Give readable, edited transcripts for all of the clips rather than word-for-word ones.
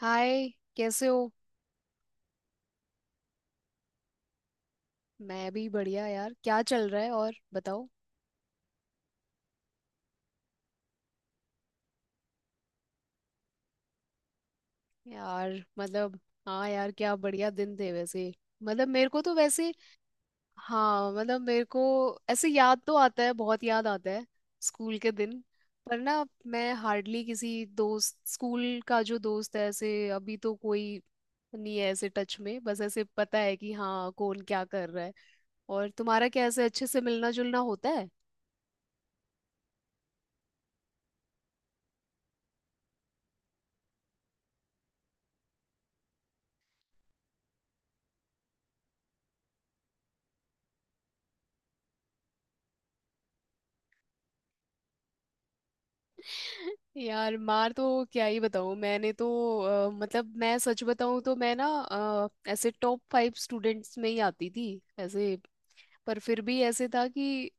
हाय। कैसे हो। मैं भी बढ़िया यार, क्या चल रहा है, और बताओ। यार। मतलब। हाँ यार, क्या बढ़िया दिन थे वैसे। मतलब मेरे को तो वैसे। हाँ मतलब मेरे को, ऐसे याद तो आता है, बहुत याद आता है। स्कूल के दिन। पर ना, मैं हार्डली किसी दोस्त, स्कूल का जो दोस्त है ऐसे, अभी तो कोई नहीं है ऐसे टच में। बस ऐसे पता है कि हाँ, कौन क्या कर रहा है। और तुम्हारा क्या, ऐसे अच्छे से मिलना जुलना होता है? यार मार तो, क्या ही बताऊँ, मैंने तो, मतलब मैं सच बताऊँ तो, मैं ना ऐसे टॉप फाइव स्टूडेंट्स में ही आती थी ऐसे। पर फिर भी ऐसे था कि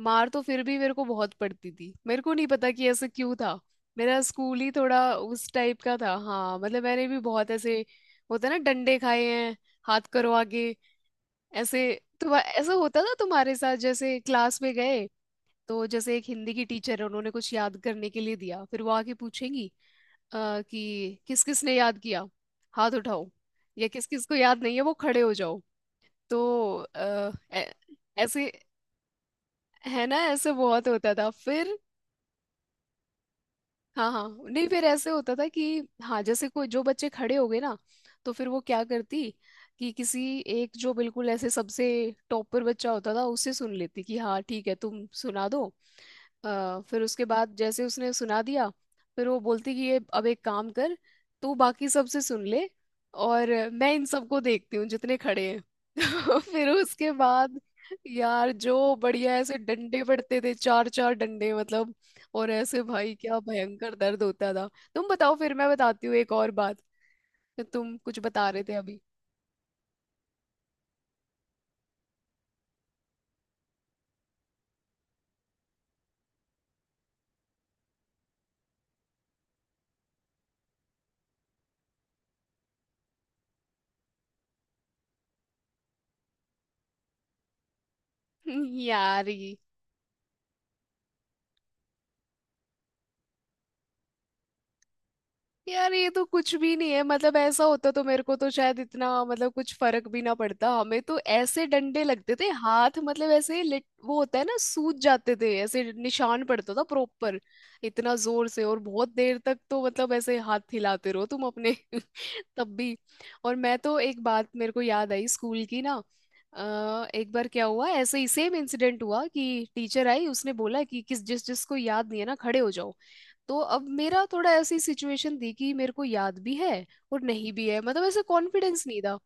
मार तो फिर भी मेरे को बहुत पड़ती थी। मेरे को नहीं पता कि ऐसे क्यों था। मेरा स्कूल ही थोड़ा उस टाइप का था। हाँ मतलब मैंने भी बहुत ऐसे, होता है ना, डंडे खाए हैं। हाथ करो आगे, ऐसे। तुम, ऐसा होता था तुम्हारे साथ जैसे क्लास में गए? तो जैसे एक हिंदी की टीचर है, उन्होंने कुछ याद करने के लिए दिया, फिर वो आके पूछेंगी कि किस किस ने याद किया, हाथ उठाओ। या किस किस को याद नहीं है वो खड़े हो जाओ। तो अ, ऐ- ऐसे, है ना, ऐसे बहुत होता था। फिर हाँ हाँ, नहीं, फिर ऐसे होता था कि हाँ, जैसे कोई जो बच्चे खड़े हो गए ना, तो फिर वो क्या करती, कि किसी एक जो बिल्कुल ऐसे सबसे टॉप पर बच्चा होता था, उससे सुन लेती कि हाँ ठीक है, तुम सुना दो। फिर उसके बाद जैसे उसने सुना दिया, फिर वो बोलती कि ये अब एक काम कर, तू बाकी सबसे सुन ले और मैं इन सबको देखती हूँ जितने खड़े हैं। फिर उसके बाद, यार जो बढ़िया ऐसे डंडे पड़ते थे, चार चार डंडे मतलब, और ऐसे भाई, क्या भयंकर दर्द होता था। तुम बताओ, फिर मैं बताती हूँ एक और बात। तुम कुछ बता रहे थे अभी। यार, यार ये तो कुछ भी नहीं है। मतलब ऐसा होता तो मेरे को तो शायद इतना मतलब कुछ फर्क भी ना पड़ता। हमें तो ऐसे डंडे लगते थे हाथ, मतलब ऐसे लिट वो होता है ना, सूज जाते थे, ऐसे निशान पड़ता था प्रॉपर। इतना जोर से और बहुत देर तक, तो मतलब ऐसे हाथ हिलाते रहो तुम अपने। तब भी। और मैं तो एक बात, मेरे को याद आई स्कूल की ना। एक बार क्या हुआ, ऐसे ही सेम इंसिडेंट हुआ कि टीचर आई, उसने बोला कि किस जिस जिसको याद नहीं है ना, खड़े हो जाओ। तो अब मेरा थोड़ा ऐसी सिचुएशन थी कि मेरे को याद भी है और नहीं भी है, मतलब ऐसे कॉन्फिडेंस नहीं था।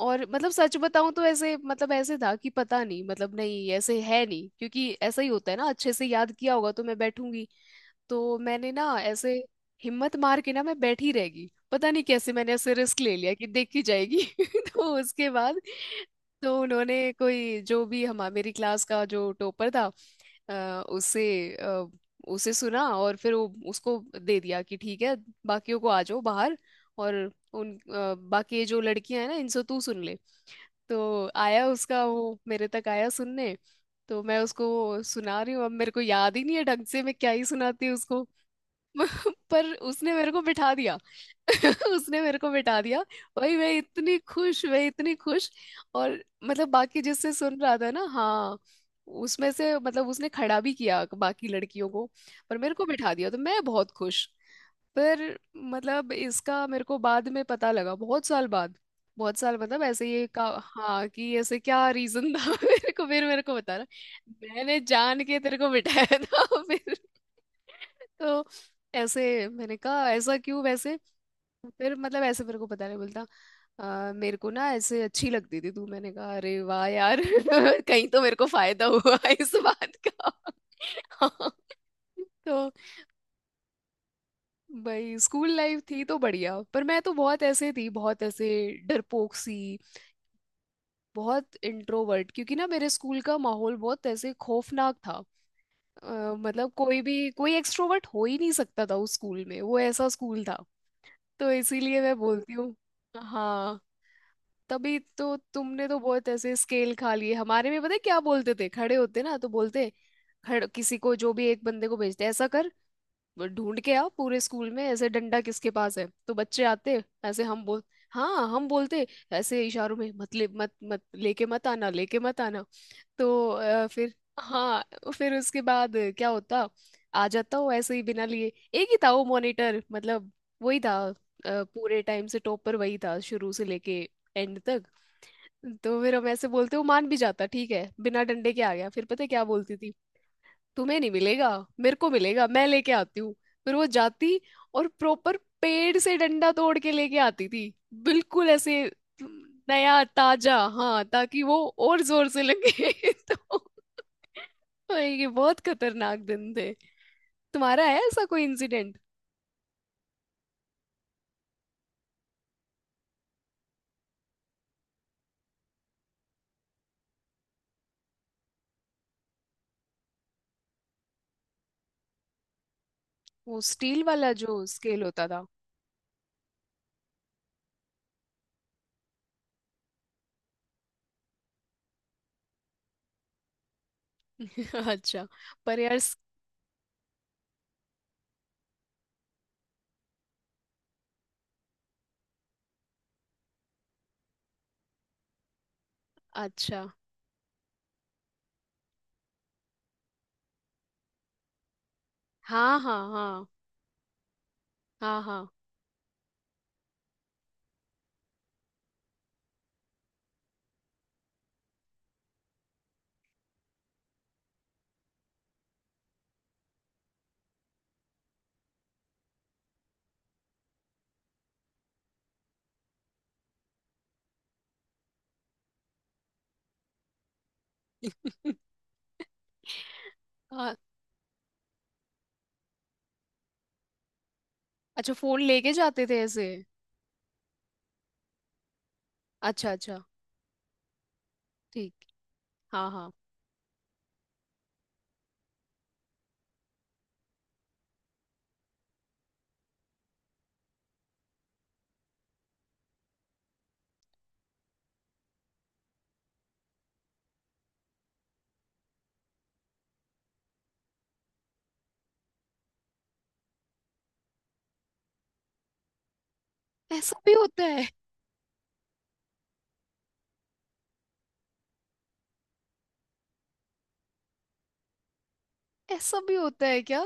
और मतलब सच बताऊं तो ऐसे, मतलब ऐसे था कि पता नहीं, मतलब नहीं ऐसे है नहीं, क्योंकि ऐसा ही होता है ना, अच्छे से याद किया होगा तो मैं बैठूंगी। तो मैंने ना ऐसे हिम्मत मार के ना, मैं बैठी रहेगी। पता नहीं कैसे मैंने ऐसे रिस्क ले लिया कि देखी जाएगी। तो उसके बाद, तो उन्होंने कोई जो भी, हमारी मेरी क्लास का जो टॉपर था, उसे, अ, उसे सुना, और फिर वो उसको दे दिया कि ठीक है, बाकियों को आ जाओ बाहर। और उन बाकी जो लड़कियां हैं ना, इनसे तू सुन ले। तो आया उसका, वो मेरे तक आया सुनने। तो मैं उसको सुना रही हूँ, अब मेरे को याद ही नहीं है ढंग से, मैं क्या ही सुनाती उसको। पर उसने मेरे को बिठा दिया। उसने मेरे को बिठा दिया। भाई मैं इतनी खुश, मैं इतनी खुश। और मतलब बाकी जिससे सुन रहा था ना, हाँ, उसमें से मतलब उसने खड़ा भी किया बाकी लड़कियों को, पर मेरे को बिठा दिया, तो मैं बहुत खुश। पर, मतलब इसका मेरे को बाद में पता लगा, बहुत साल बाद। बहुत साल, मतलब ऐसे ये का हाँ कि ऐसे क्या रीजन था। मेरे को, फिर मेरे को बता रहा, मैंने जान के तेरे को बिठाया था। फिर तो ऐसे मैंने कहा, ऐसा क्यों वैसे। फिर मतलब ऐसे मेरे को, पता नहीं, बोलता मेरे को ना ऐसे अच्छी लगती थी तू।" मैंने कहा अरे वाह यार। कहीं तो मेरे को फायदा हुआ इस बात का। हाँ। तो भाई स्कूल लाइफ थी तो बढ़िया, पर मैं तो बहुत ऐसे थी, बहुत ऐसे डरपोक सी, बहुत इंट्रोवर्ट, क्योंकि ना मेरे स्कूल का माहौल बहुत ऐसे खौफनाक था। मतलब कोई भी कोई एक्सट्रोवर्ट हो ही नहीं सकता था उस स्कूल में, वो ऐसा स्कूल था। तो इसीलिए मैं बोलती हूँ। हाँ, तभी तो तुमने तो बहुत ऐसे स्केल खा लिए। हमारे में पता है क्या बोलते थे, खड़े होते ना तो बोलते, खड़े, किसी को जो भी एक बंदे को भेजते ऐसा कर, वो ढूंढ के आओ पूरे स्कूल में ऐसे, डंडा किसके पास है। तो बच्चे आते, ऐसे हम बोल, हाँ, हम बोलते ऐसे इशारों में, मत ले, मत मत लेके, मत आना, लेके मत आना। तो फिर हाँ, फिर उसके बाद क्या होता, आ जाता वो ऐसे ही बिना लिए। एक ही था वो मॉनिटर मतलब, वही था। पूरे टाइम से टॉप पर वही था, शुरू से लेके एंड तक। तो फिर हम ऐसे बोलते, वो मान भी जाता, ठीक है बिना डंडे के आ गया। फिर पता है क्या बोलती थी, तुम्हें नहीं मिलेगा, मेरे को मिलेगा, मैं लेके आती हूँ। फिर वो जाती और प्रॉपर पेड़ से डंडा तोड़ के लेके आती थी। बिल्कुल ऐसे नया ताजा, हाँ, ताकि वो और जोर से लगे। तो, और ये बहुत खतरनाक दिन थे। तुम्हारा है ऐसा कोई इंसिडेंट? वो स्टील वाला जो स्केल होता था। अच्छा, पर यार अच्छा, हाँ हाँ हाँ हाँ हाँ। हाँ, अच्छा, फोन लेके जाते थे ऐसे? अच्छा अच्छा। ठीक। हाँ हाँ। ऐसा भी होता है? ऐसा भी होता है क्या?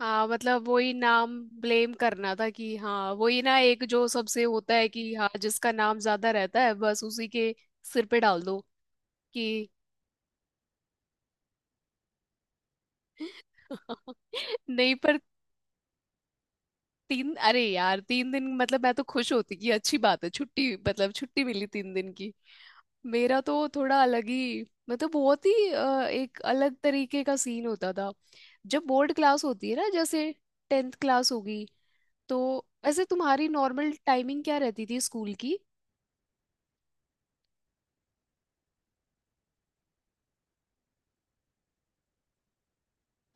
हाँ, मतलब वही नाम ब्लेम करना था कि हाँ वही ना, एक जो सबसे होता है कि हाँ जिसका नाम ज्यादा रहता है, बस उसी के सिर पे डाल दो कि। नहीं, पर तीन, अरे यार, 3 दिन, मतलब मैं तो खुश होती कि अच्छी बात है, छुट्टी मतलब, छुट्टी मिली 3 दिन की। मेरा तो थोड़ा अलग ही, मतलब बहुत ही एक अलग तरीके का सीन होता था। जब बोर्ड क्लास होती है ना, जैसे 10th क्लास होगी, तो ऐसे तुम्हारी नॉर्मल टाइमिंग क्या रहती थी स्कूल की?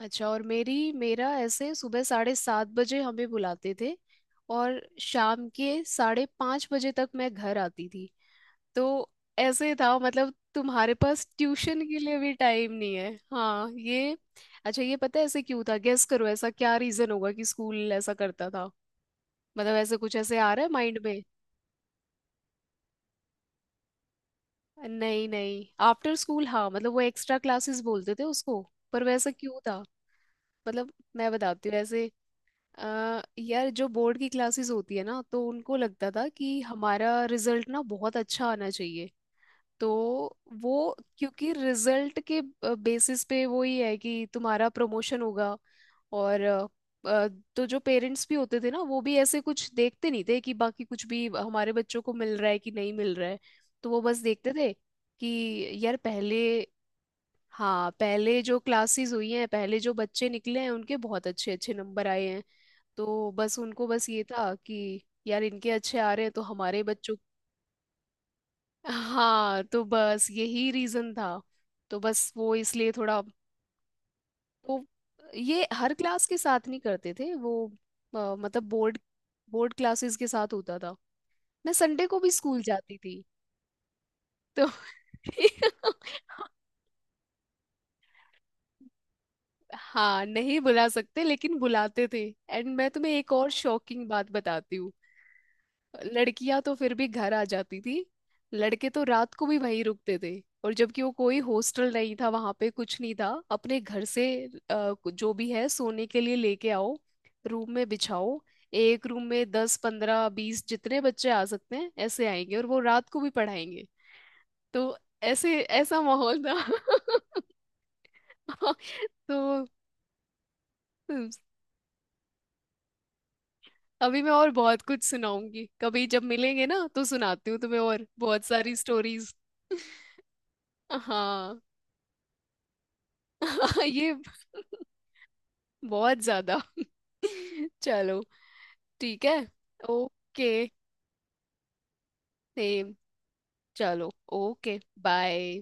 अच्छा। और मेरी मेरा ऐसे सुबह 7:30 बजे हमें बुलाते थे, और शाम के 5:30 बजे तक मैं घर आती थी। तो ऐसे था मतलब, तुम्हारे पास ट्यूशन के लिए भी टाइम नहीं है। हाँ ये, अच्छा, ये पता है ऐसे क्यों था? गेस करो ऐसा क्या रीजन होगा कि स्कूल ऐसा करता था। मतलब ऐसे कुछ ऐसे आ रहा है माइंड में? नहीं नहीं, आफ्टर स्कूल हाँ, मतलब वो एक्स्ट्रा क्लासेस बोलते थे उसको। पर वैसा क्यों था? मतलब मैं बताती हूँ ऐसे। यार जो बोर्ड की क्लासेस होती है ना, तो उनको लगता था कि हमारा रिजल्ट ना बहुत अच्छा आना चाहिए। तो वो, क्योंकि रिजल्ट के बेसिस पे वो ही है कि तुम्हारा प्रमोशन होगा। और अ, तो जो पेरेंट्स भी होते थे ना, वो भी ऐसे कुछ देखते नहीं थे कि बाकी कुछ भी हमारे बच्चों को मिल रहा है कि नहीं मिल रहा है। तो वो बस देखते थे कि यार पहले, हाँ, पहले जो क्लासेस हुई हैं, पहले जो बच्चे निकले हैं, उनके बहुत अच्छे अच्छे नंबर आए हैं। तो बस उनको, बस ये था कि यार इनके अच्छे आ रहे हैं तो हमारे बच्चों। हाँ, तो बस यही रीजन था। तो बस वो इसलिए थोड़ा वो, ये हर क्लास के साथ नहीं करते थे वो, मतलब बोर्ड, बोर्ड क्लासेस के साथ होता था। मैं संडे को भी स्कूल जाती थी। तो हाँ, नहीं बुला सकते, लेकिन बुलाते थे। एंड मैं तुम्हें एक और शॉकिंग बात बताती हूँ। लड़कियां तो फिर भी घर आ जाती थी, लड़के तो रात को भी वहीं रुकते थे। और जबकि वो कोई हॉस्टल नहीं था, वहां पे कुछ नहीं था, अपने घर से जो भी है सोने के लिए लेके आओ, रूम में बिछाओ। एक रूम में 10, 15, 20 जितने बच्चे आ सकते हैं ऐसे आएंगे, और वो रात को भी पढ़ाएंगे। तो ऐसे ऐसा माहौल था। तो अभी मैं और बहुत कुछ सुनाऊंगी, कभी जब मिलेंगे ना तो सुनाती हूँ तुम्हें और बहुत सारी स्टोरीज। हाँ। ये। बहुत ज्यादा। चलो, ठीक है। ओके। सेम। चलो। ओके। बाय।